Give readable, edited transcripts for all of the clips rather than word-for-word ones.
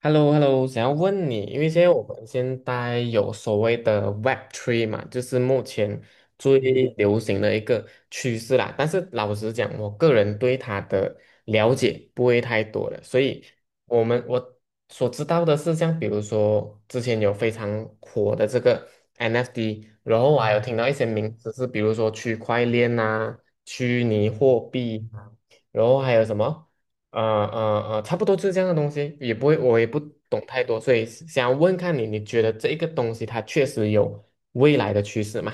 h e l l o h e l l o 想要问你，因为我们现在有所谓的 Web 3嘛，就是目前最流行的一个趋势啦。但是老实讲，我个人对它的了解不会太多了，所以我所知道的是，像比如说之前有非常火的这个 NFT，然后我还有听到一些名词是，比如说区块链啊、虚拟货币啊然后还有什么？差不多就是这样的东西，也不会，我也不懂太多，所以想要问看你，你觉得这一个东西它确实有未来的趋势吗？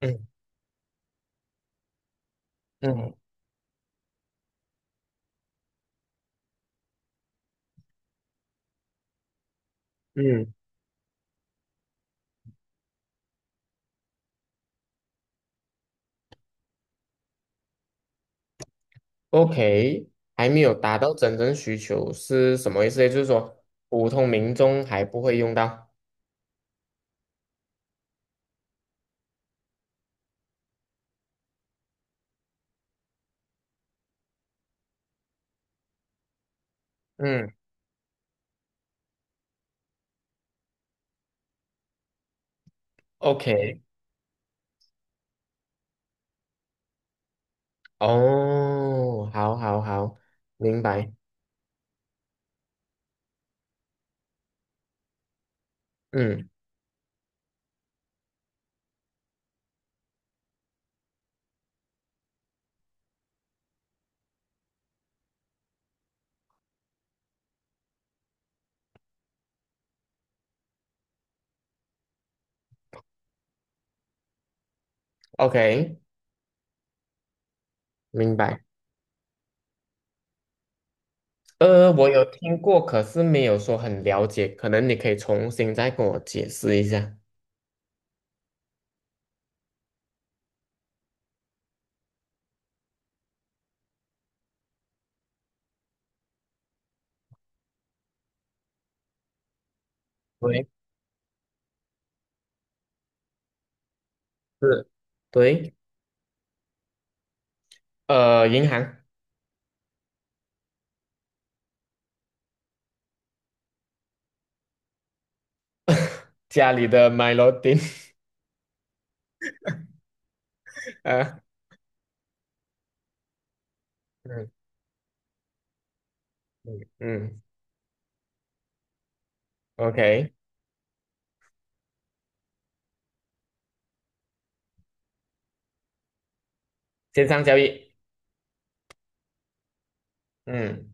嗯嗯嗯，OK，还没有达到真正需求是什么意思？也就是说普通民众还不会用到。嗯，OK，哦，好好好，明白。嗯，OK，明白。呃，我有听过，可是没有说很了解，可能你可以重新再跟我解释一下。对，是，对，银行。家里的 Mylodin。呃，嗯嗯嗯，OK，线上交易。嗯，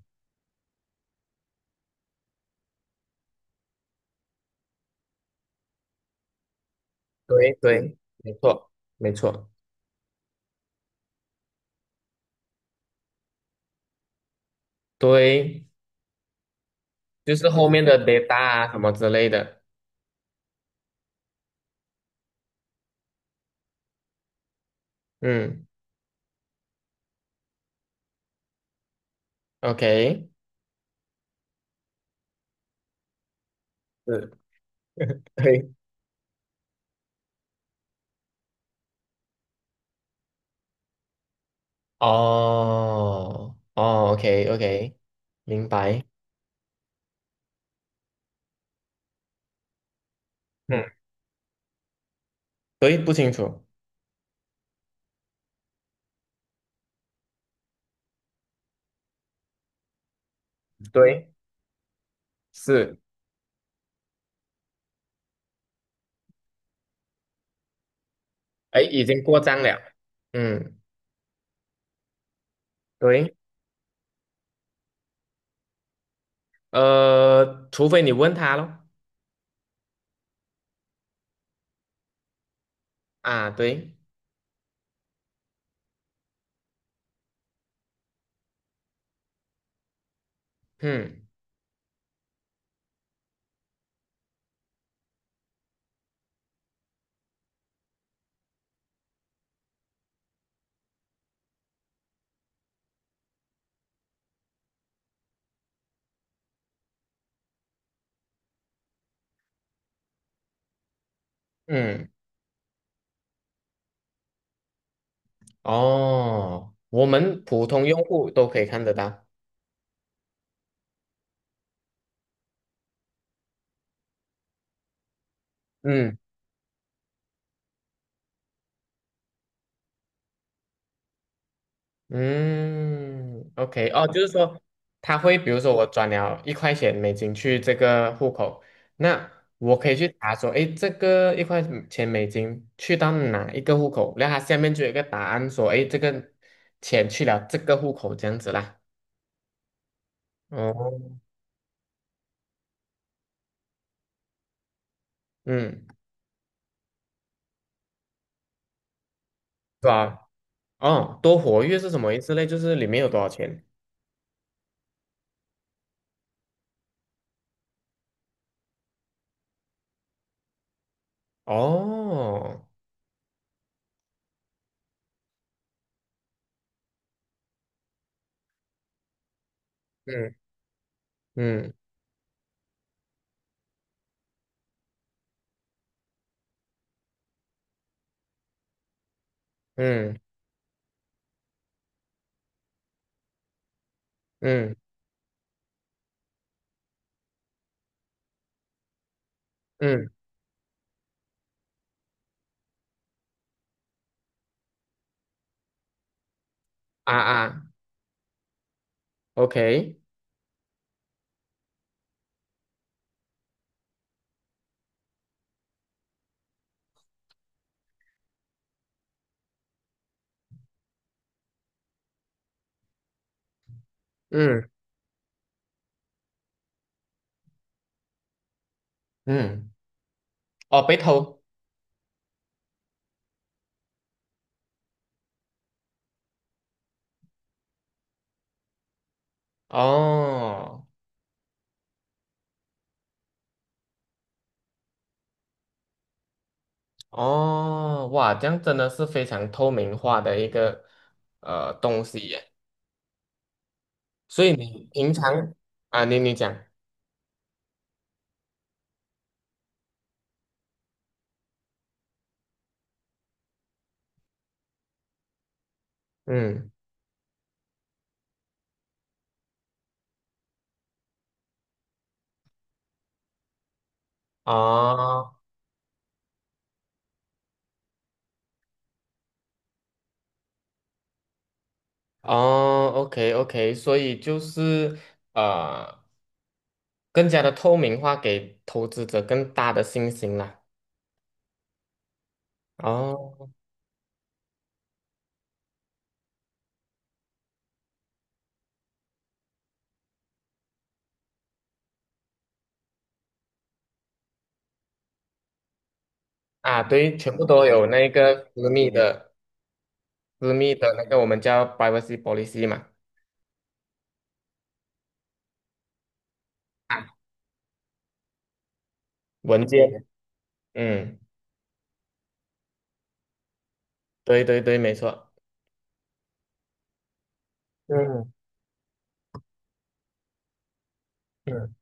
对对，没错没错，对，就是后面的 data 啊什么之类的。嗯，OK，是，对，哦哦，OK OK，明白。嗯，对，不清楚。对，是，哎，已经过账了。嗯，对。除非你问他咯。啊，对，嗯嗯，哦，我们普通用户都可以看得到。嗯嗯，OK。哦，就是说他会，比如说我转了一块钱美金去这个户口，那我可以去查说，诶，这个一块钱美金去到哪一个户口，然后它下面就有一个答案说，诶，这个钱去了这个户口这样子啦。哦，嗯，是吧？哦，多活跃是什么意思嘞？就是里面有多少钱？哦，嗯嗯嗯嗯嗯啊啊，OK，嗯嗯，哦，被偷。哦哦，哇，这样真的是非常透明化的一个东西耶。所以你平常啊，你讲。嗯，哦哦，OK OK，所以就是呃。更加的透明化，给投资者更大的信心啦。哦，啊，对，全部都有那个私密的、私密的那个我们叫 privacy policy 嘛，文件。嗯，对对对，没错。嗯嗯。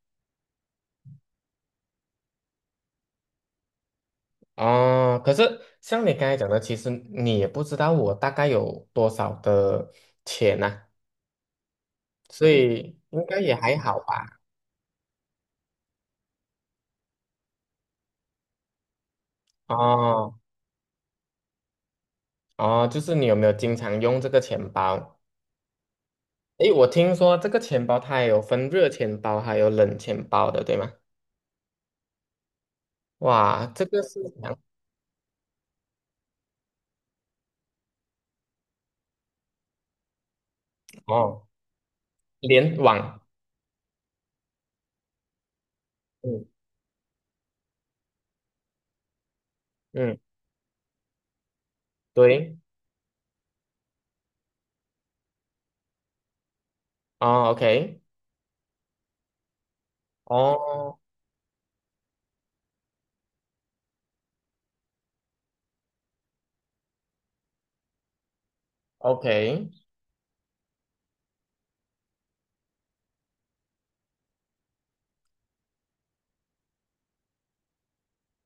哦，可是像你刚才讲的，其实你也不知道我大概有多少的钱呐，所以应该也还好吧。哦哦，就是你有没有经常用这个钱包？诶，我听说这个钱包它也有分热钱包，还有冷钱包的，对吗？哇，这个是讲哦，联网。嗯嗯，对，哦，OK，哦，OK，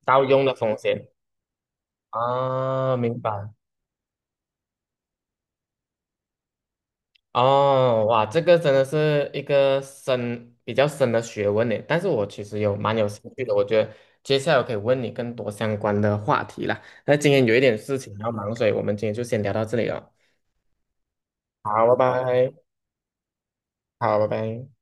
盗用的风险啊，明白。哦，哇，这个真的是一个比较深的学问呢。但是我其实有蛮有兴趣的，我觉得接下来我可以问你更多相关的话题啦。那今天有一点事情要忙，所以我们今天就先聊到这里了。好，拜拜。好，拜拜。